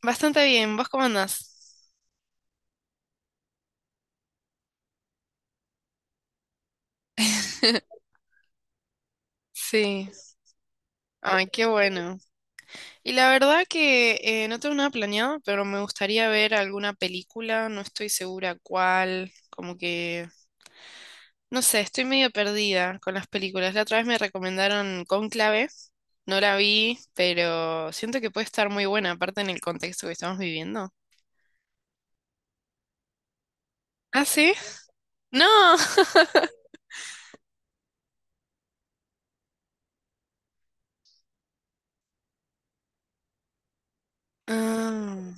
Bastante bien, ¿vos cómo andás? Sí, ay, qué bueno. Y la verdad que no tengo nada planeado, pero me gustaría ver alguna película, no estoy segura cuál, como que, no sé, estoy medio perdida con las películas. La otra vez me recomendaron Cónclave, no la vi, pero siento que puede estar muy buena, aparte en el contexto que estamos viviendo. ¿Ah, sí? No. Ah.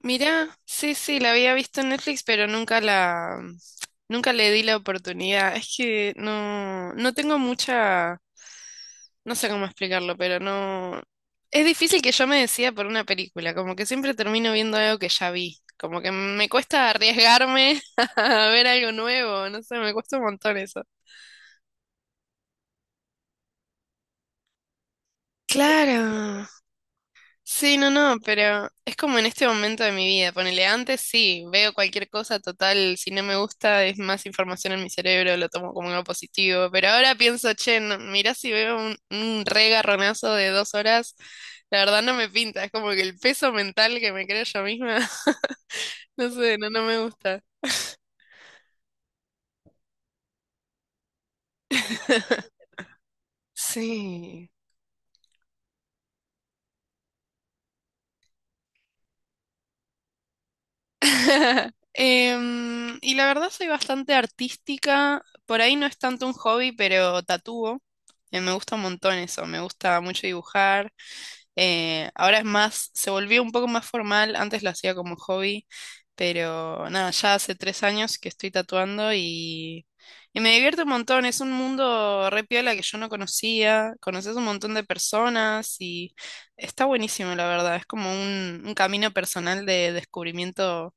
Mirá, sí, sí, la había visto en Netflix, pero nunca nunca le di la oportunidad. Es que no, no tengo mucha, no sé cómo explicarlo, pero no, es difícil que yo me decida por una película, como que siempre termino viendo algo que ya vi, como que me cuesta arriesgarme a ver algo nuevo, no sé, me cuesta un montón eso. Claro. Sí, no, no, pero es como en este momento de mi vida. Ponele antes, sí, veo cualquier cosa total, si no me gusta es más información en mi cerebro, lo tomo como algo positivo. Pero ahora pienso, che, no, mirá si veo un re de 2 horas, la verdad no me pinta, es como que el peso mental que me creo yo misma, no sé, no, no me gusta. Sí. Y la verdad soy bastante artística. Por ahí no es tanto un hobby, pero tatúo. Me gusta un montón eso. Me gusta mucho dibujar. Ahora es más, se volvió un poco más formal. Antes lo hacía como hobby. Pero nada, ya hace 3 años que estoy tatuando y me divierte un montón. Es un mundo re piola que yo no conocía. Conoces un montón de personas y está buenísimo, la verdad. Es como un camino personal de descubrimiento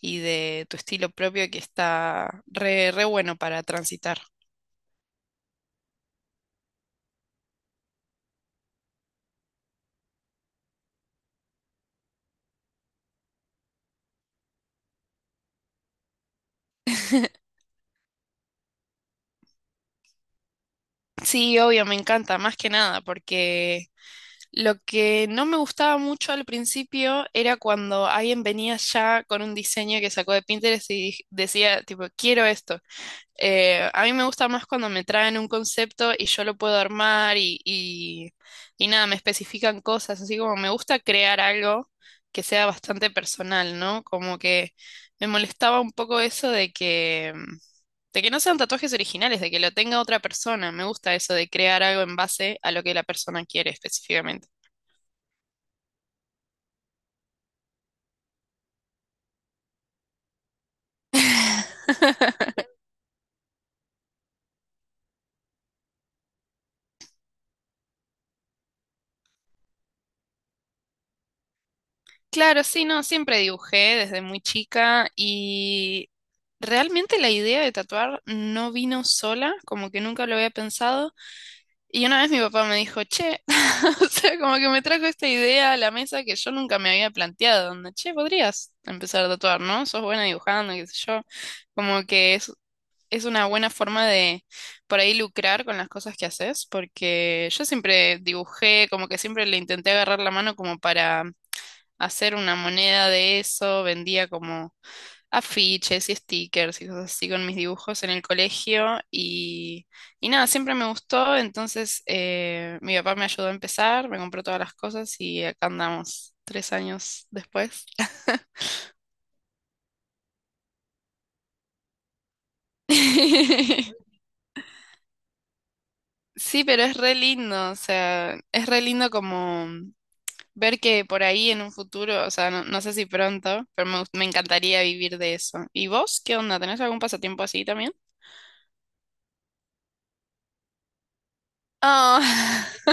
y de tu estilo propio que está re, re bueno para transitar. Sí, obvio, me encanta, más que nada, porque lo que no me gustaba mucho al principio era cuando alguien venía ya con un diseño que sacó de Pinterest y decía, tipo, quiero esto. A mí me gusta más cuando me traen un concepto y yo lo puedo armar y nada, me especifican cosas, así como me gusta crear algo que sea bastante personal, ¿no? Como que me molestaba un poco eso de que no sean tatuajes originales, de que lo tenga otra persona. Me gusta eso de crear algo en base a lo que la persona quiere específicamente. Claro, sí, no, siempre dibujé desde muy chica y realmente la idea de tatuar no vino sola, como que nunca lo había pensado. Y una vez mi papá me dijo, che, o sea, como que me trajo esta idea a la mesa que yo nunca me había planteado, donde, che, podrías empezar a tatuar, ¿no? Sos buena dibujando, qué sé yo. Como que es una buena forma de por ahí lucrar con las cosas que haces, porque yo siempre dibujé, como que siempre le intenté agarrar la mano como para hacer una moneda de eso, vendía como afiches y stickers y cosas así con mis dibujos en el colegio y nada, siempre me gustó, entonces mi papá me ayudó a empezar, me compró todas las cosas y acá andamos 3 años después. Sí, pero es re lindo, o sea, es re lindo como ver que por ahí en un futuro, o sea, no, no sé si pronto, pero me encantaría vivir de eso. ¿Y vos qué onda? ¿Tenés algún pasatiempo así también? Oh.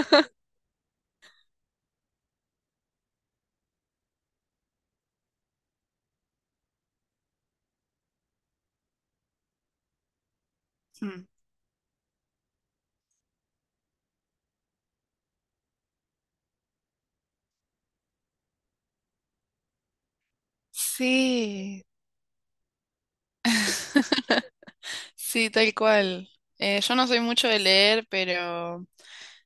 Mm. Sí, sí, tal cual. Yo no soy mucho de leer, pero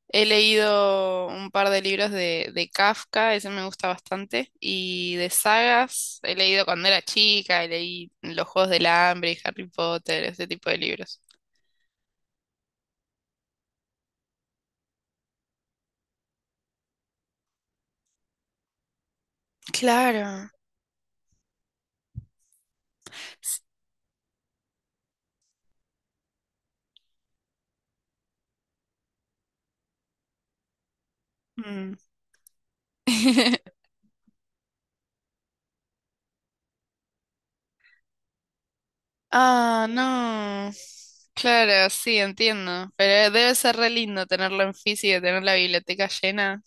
he leído un par de libros de Kafka, ese me gusta bastante, y de sagas, he leído cuando era chica, leí Los Juegos del Hambre y Harry Potter, ese tipo de libros. Claro. Mm. Ah, no. Claro, sí, entiendo. Pero debe ser re lindo tenerlo en físico, tener la biblioteca llena.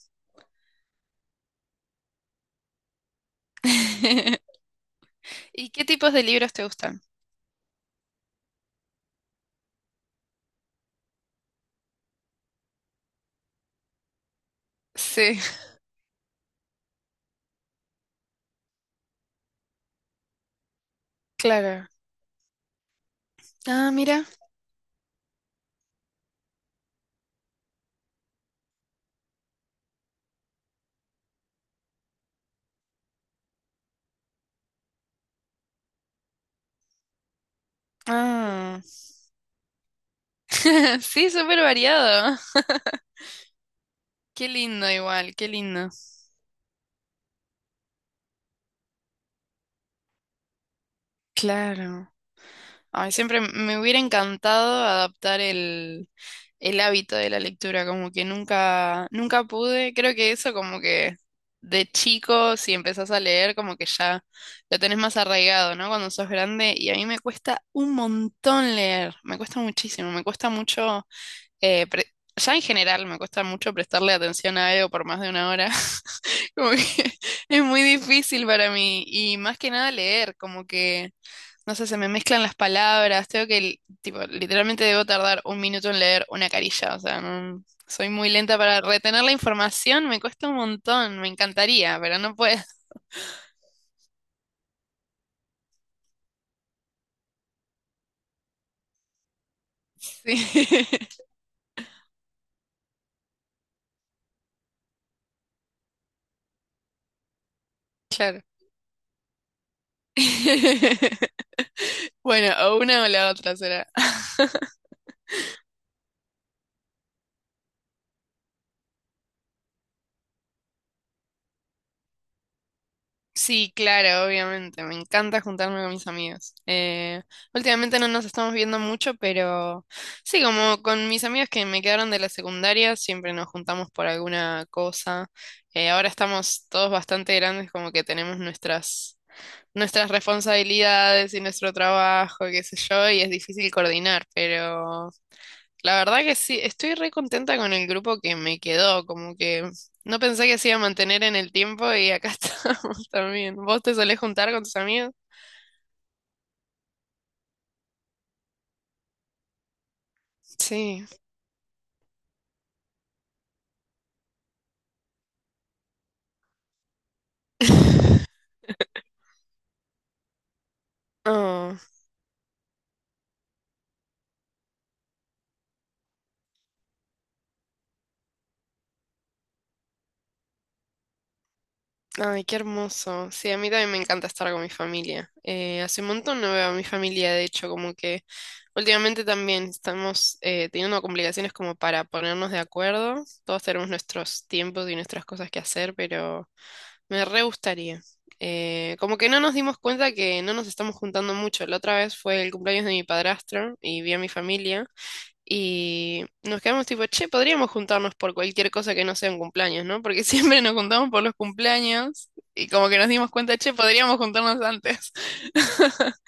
¿Y qué tipos de libros te gustan? Sí, claro. Ah, mira. Ah, sí, súper variado. Qué lindo igual, qué lindo. Claro. Ay, siempre me hubiera encantado adaptar el hábito de la lectura, como que nunca, nunca pude. Creo que eso como que de chico, si empezás a leer, como que ya lo tenés más arraigado, ¿no? Cuando sos grande. Y a mí me cuesta un montón leer, me cuesta muchísimo, me cuesta mucho. Eh, pre- ya en general me cuesta mucho prestarle atención a algo por más de una hora. Como que es muy difícil para mí. Y más que nada leer, como que, no sé, se me mezclan las palabras. Tengo que, tipo, literalmente debo tardar un minuto en leer una carilla. O sea, no, soy muy lenta para retener la información. Me cuesta un montón. Me encantaría, pero no puedo. Sí, claro. Bueno, o una o la otra será. Sí, claro, obviamente. Me encanta juntarme con mis amigos. Últimamente no nos estamos viendo mucho, pero sí, como con mis amigos que me quedaron de la secundaria, siempre nos juntamos por alguna cosa. Ahora estamos todos bastante grandes, como que tenemos nuestras responsabilidades y nuestro trabajo, qué sé yo, y es difícil coordinar, pero... La verdad que sí, estoy re contenta con el grupo que me quedó, como que no pensé que se iba a mantener en el tiempo y acá estamos también. ¿Vos te solés juntar con tus amigos? Sí. Oh, ay, qué hermoso. Sí, a mí también me encanta estar con mi familia. Hace un montón no veo a mi familia, de hecho, como que últimamente también estamos teniendo complicaciones como para ponernos de acuerdo. Todos tenemos nuestros tiempos y nuestras cosas que hacer, pero... Me re gustaría. Como que no nos dimos cuenta que no nos estamos juntando mucho. La otra vez fue el cumpleaños de mi padrastro y vi a mi familia y nos quedamos tipo, che, podríamos juntarnos por cualquier cosa que no sea un cumpleaños, ¿no? Porque siempre nos juntamos por los cumpleaños y como que nos dimos cuenta, che, podríamos juntarnos antes.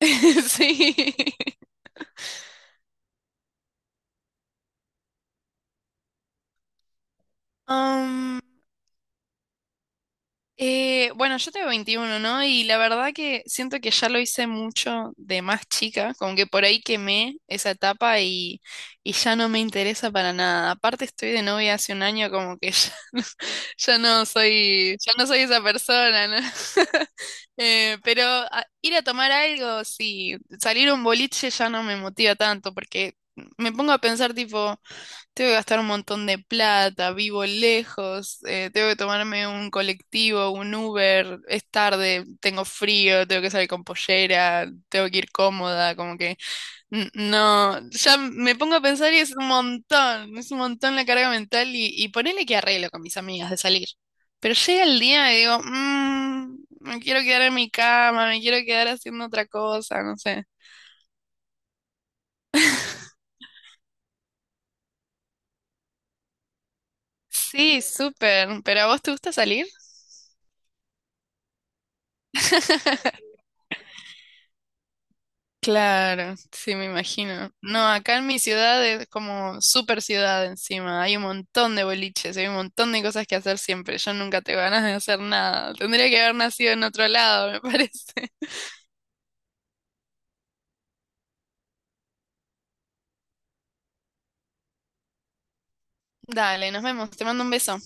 Sí. Am, bueno, yo tengo 21, ¿no? Y la verdad que siento que ya lo hice mucho de más chica, como que por ahí quemé esa etapa y ya no me interesa para nada. Aparte estoy de novia hace un año, como que ya no, ya no soy esa persona, ¿no? Pero ir a tomar algo, sí, salir a un boliche ya no me motiva tanto, porque me pongo a pensar tipo... Tengo que gastar un montón de plata, vivo lejos, tengo que tomarme un colectivo, un Uber, es tarde, tengo frío, tengo que salir con pollera, tengo que ir cómoda, como que no, ya me pongo a pensar y es un montón la carga mental y ponele que arreglo con mis amigas de salir. Pero llega el día y digo, "Mm, me quiero quedar en mi cama, me quiero quedar haciendo otra cosa, no sé. Sí, súper, pero ¿a vos te gusta salir? Claro, sí, me imagino. No, acá en mi ciudad es como super ciudad encima. Hay un montón de boliches, hay un montón de cosas que hacer siempre. Yo nunca tengo ganas de hacer nada. Tendría que haber nacido en otro lado, me parece. Dale, nos vemos. Te mando un beso.